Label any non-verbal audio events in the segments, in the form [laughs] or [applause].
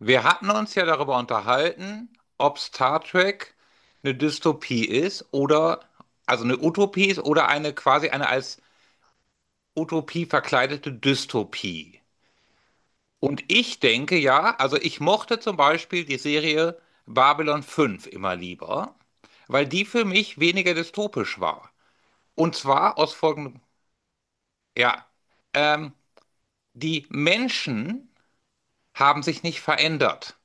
Wir hatten uns ja darüber unterhalten, ob Star Trek eine Dystopie ist oder, also eine Utopie ist oder eine quasi eine als Utopie verkleidete Dystopie. Und ich denke ja, also ich mochte zum Beispiel die Serie Babylon 5 immer lieber, weil die für mich weniger dystopisch war. Und zwar aus folgendem, ja, ähm, die Menschen haben sich nicht verändert.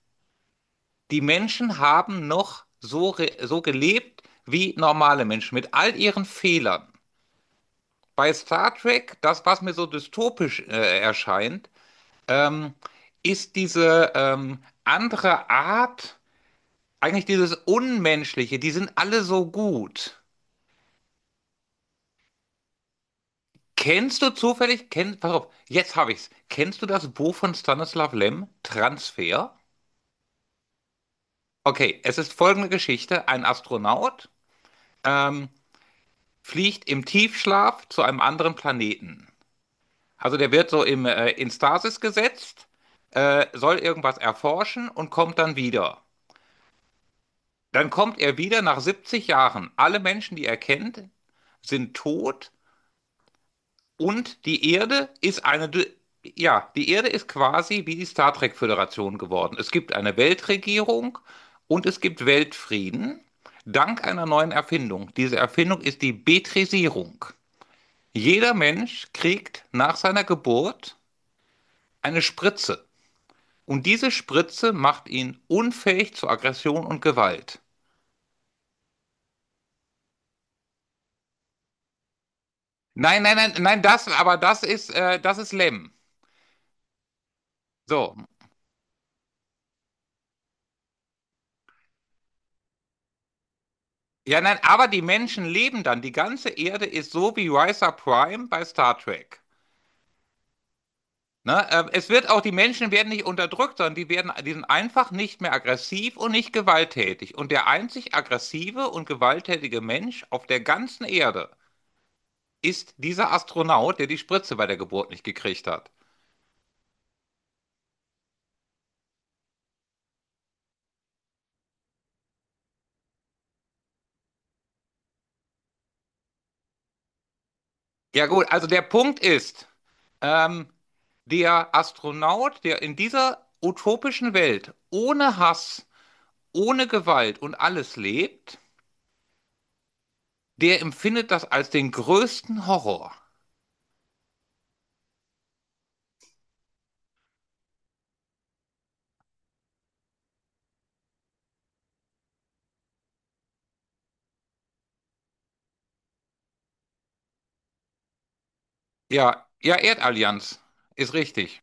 Die Menschen haben noch so, so gelebt wie normale Menschen, mit all ihren Fehlern. Bei Star Trek, das, was mir so dystopisch erscheint, ähm, ist diese andere Art, eigentlich dieses Unmenschliche, die sind alle so gut. Kennst du zufällig, kenn, pass auf, jetzt habe ich's. Kennst du das Buch von Stanislav Lem, Transfer? Okay, es ist folgende Geschichte. Ein Astronaut ähm, fliegt im Tiefschlaf zu einem anderen Planeten. Also der wird so in Stasis gesetzt, soll irgendwas erforschen und kommt dann wieder. Dann kommt er wieder nach 70 Jahren. Alle Menschen, die er kennt, sind tot und die Erde ist eine, ja, die Erde ist quasi wie die Star Trek Föderation geworden. Es gibt eine Weltregierung und es gibt Weltfrieden dank einer neuen Erfindung. Diese Erfindung ist die Betrisierung. Jeder Mensch kriegt nach seiner Geburt eine Spritze. Und diese Spritze macht ihn unfähig zu Aggression und Gewalt. Nein, nein, nein, nein, das, aber das ist Lem. So. Ja, nein, aber die Menschen leben dann. Die ganze Erde ist so wie Risa Prime bei Star Trek. Ne? Es wird auch, die Menschen werden nicht unterdrückt, sondern die werden, die sind einfach nicht mehr aggressiv und nicht gewalttätig. Und der einzig aggressive und gewalttätige Mensch auf der ganzen Erde ist dieser Astronaut, der die Spritze bei der Geburt nicht gekriegt hat. Ja gut, also der Punkt ist, ähm, der Astronaut, der in dieser utopischen Welt ohne Hass, ohne Gewalt und alles lebt, der empfindet das als den größten Horror. Ja, ja, Erdallianz ist richtig.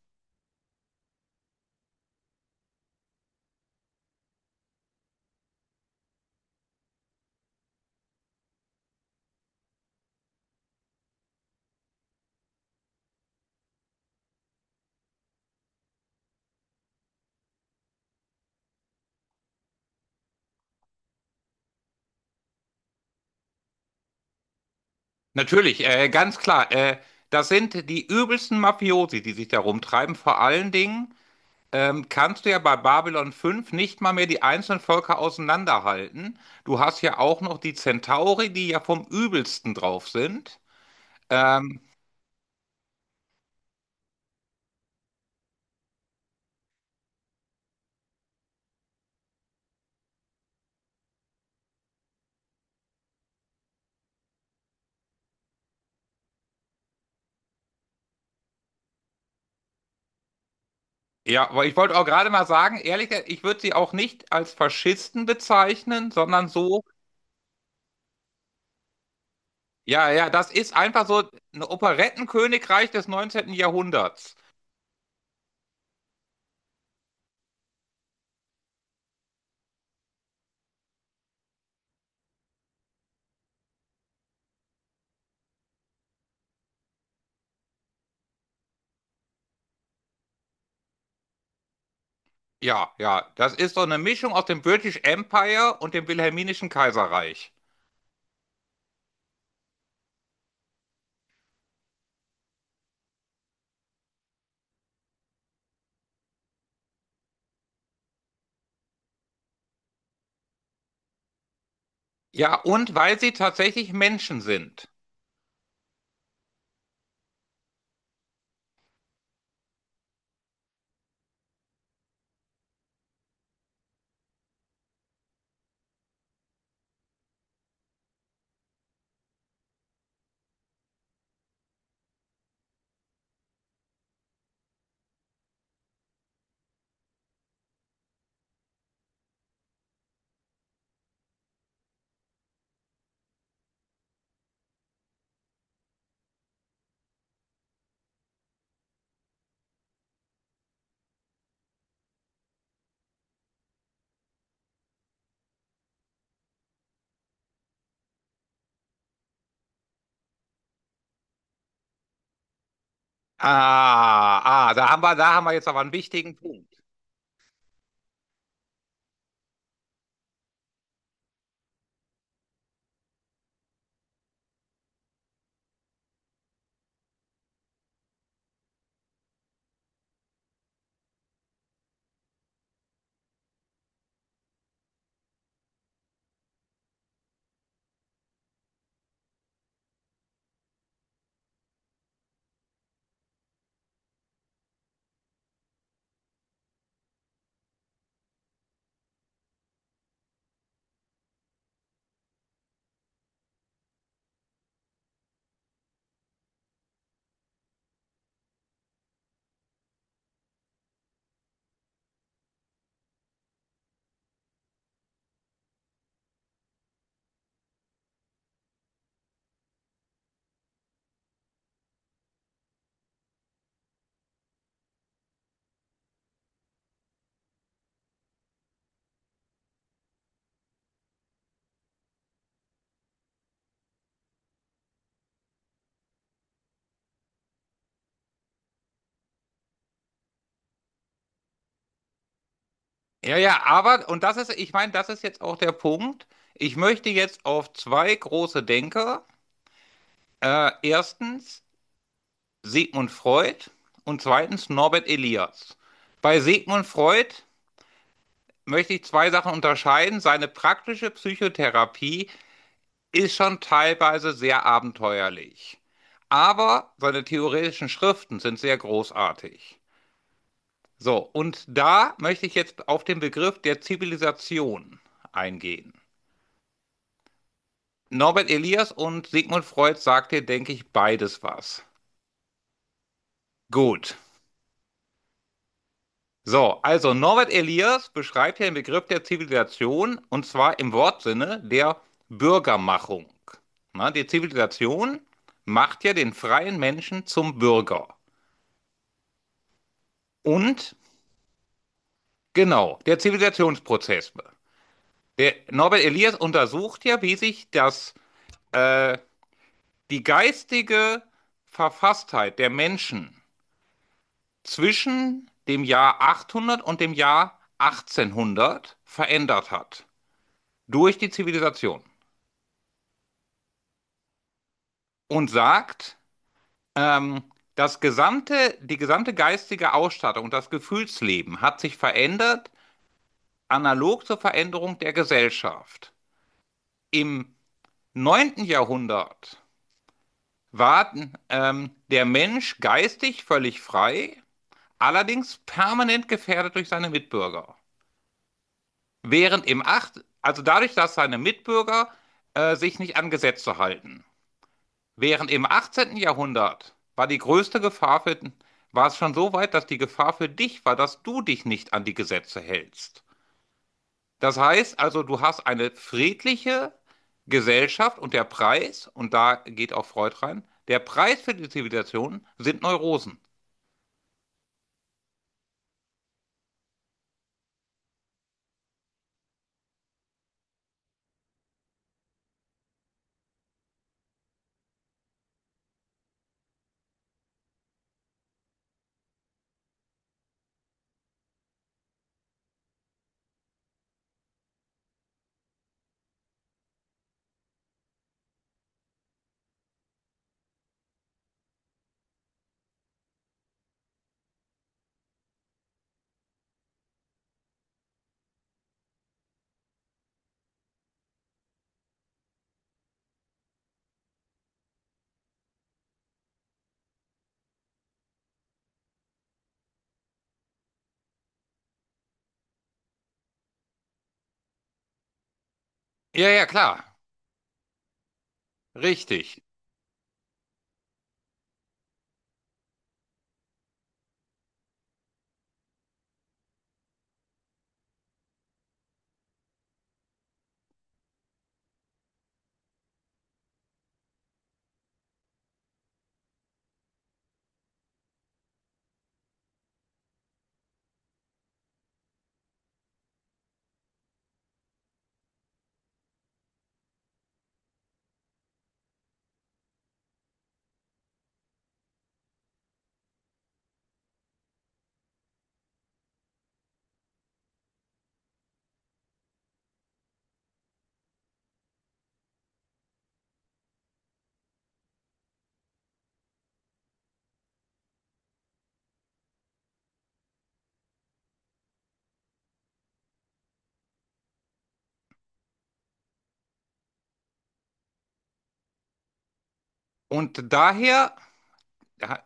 Natürlich, ganz klar. Das sind die übelsten Mafiosi, die sich da rumtreiben. Vor allen Dingen kannst du ja bei Babylon 5 nicht mal mehr die einzelnen Völker auseinanderhalten. Du hast ja auch noch die Centauri, die ja vom Übelsten drauf sind. Ähm, ja, aber ich wollte auch gerade mal sagen, ehrlich, ich würde sie auch nicht als Faschisten bezeichnen, sondern so, ja, ja, das ist einfach so ein Operettenkönigreich des 19. Jahrhunderts. Ja, ja, das ist so eine Mischung aus dem British Empire und dem Wilhelminischen Kaiserreich. Ja, und weil sie tatsächlich Menschen sind. Ah, ah, da haben wir jetzt aber einen wichtigen Punkt. Ja, ja, aber, und das ist, ich meine, das ist jetzt auch der Punkt. Ich möchte jetzt auf zwei große Denker. Erstens Sigmund Freud und zweitens Norbert Elias. Bei Sigmund Freud möchte ich zwei Sachen unterscheiden. Seine praktische Psychotherapie ist schon teilweise sehr abenteuerlich, aber seine theoretischen Schriften sind sehr großartig. So, und da möchte ich jetzt auf den Begriff der Zivilisation eingehen. Norbert Elias und Sigmund Freud sagte, denke ich, beides was. Gut. So, also Norbert Elias beschreibt ja den Begriff der Zivilisation und zwar im Wortsinne der Bürgermachung. Na, die Zivilisation macht ja den freien Menschen zum Bürger. Und genau, der Zivilisationsprozess. Der Norbert Elias untersucht ja, wie sich das die geistige Verfasstheit der Menschen zwischen dem Jahr 800 und dem Jahr achtzehnhundert verändert hat durch die Zivilisation und sagt, das gesamte, die gesamte geistige Ausstattung und das Gefühlsleben hat sich verändert, analog zur Veränderung der Gesellschaft. Im neunten Jahrhundert war der Mensch geistig völlig frei, allerdings permanent gefährdet durch seine Mitbürger. Während im 8 also dadurch, dass seine Mitbürger sich nicht an Gesetze halten. Während im achtzehnten Jahrhundert war die größte Gefahr für, war es schon so weit, dass die Gefahr für dich war, dass du dich nicht an die Gesetze hältst. Das heißt also, du hast eine friedliche Gesellschaft und der Preis, und da geht auch Freud rein, der Preis für die Zivilisation sind Neurosen. Ja, ja, klar. Richtig. Und daher, ja,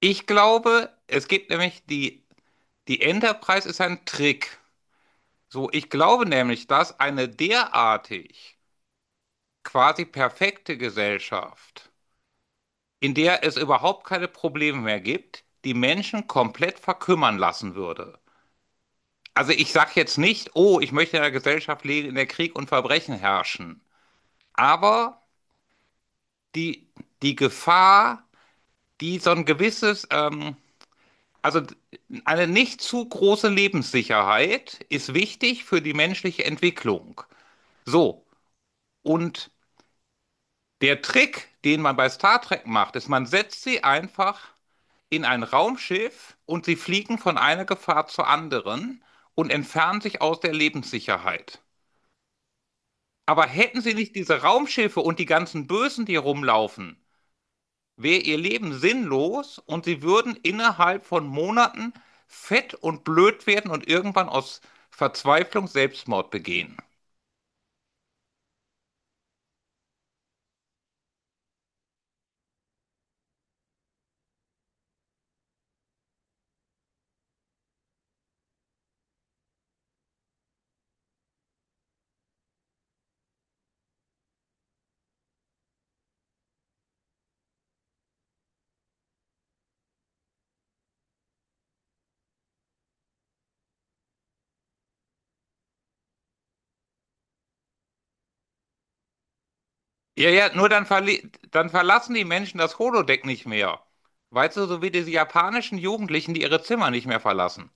ich glaube, es gibt nämlich die die Enterprise ist ein Trick. So, ich glaube nämlich, dass eine derartig quasi perfekte Gesellschaft, in der es überhaupt keine Probleme mehr gibt, die Menschen komplett verkümmern lassen würde. Also ich sage jetzt nicht, oh, ich möchte in einer Gesellschaft leben, in der Krieg und Verbrechen herrschen. Aber die, die Gefahr, die so ein gewisses, also eine nicht zu große Lebenssicherheit ist wichtig für die menschliche Entwicklung. So, und der Trick, den man bei Star Trek macht, ist, man setzt sie einfach in ein Raumschiff und sie fliegen von einer Gefahr zur anderen und entfernen sich aus der Lebenssicherheit. Aber hätten sie nicht diese Raumschiffe und die ganzen Bösen, die rumlaufen, wäre ihr Leben sinnlos und sie würden innerhalb von Monaten fett und blöd werden und irgendwann aus Verzweiflung Selbstmord begehen. Ja, ja, nur dann verlassen die Menschen das Holodeck nicht mehr. Weißt du, so wie diese japanischen Jugendlichen, die ihre Zimmer nicht mehr verlassen.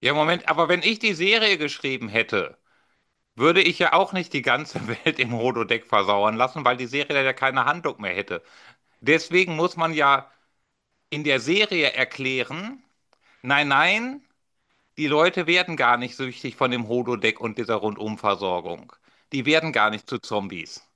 Ja, Moment, aber wenn ich die Serie geschrieben hätte, würde ich ja auch nicht die ganze [laughs] Welt im Holodeck versauern lassen, weil die Serie dann ja keine Handlung mehr hätte. Deswegen muss man ja in der Serie erklären, nein, nein, die Leute werden gar nicht süchtig von dem Holodeck und dieser Rundumversorgung. Die werden gar nicht zu Zombies.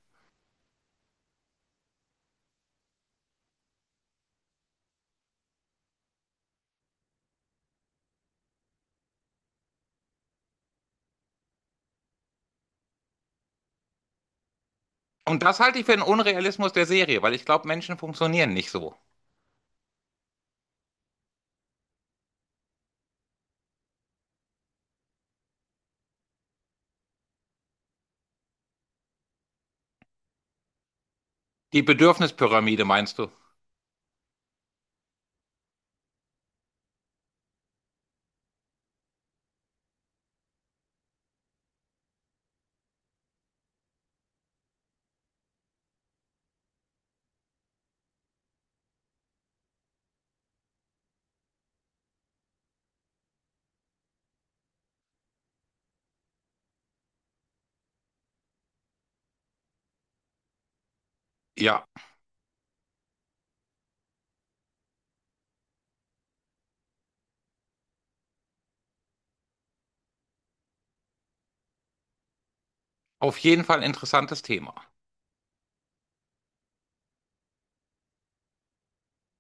Und das halte ich für einen Unrealismus der Serie, weil ich glaube, Menschen funktionieren nicht so. Die Bedürfnispyramide meinst du? Ja, auf jeden Fall ein interessantes Thema.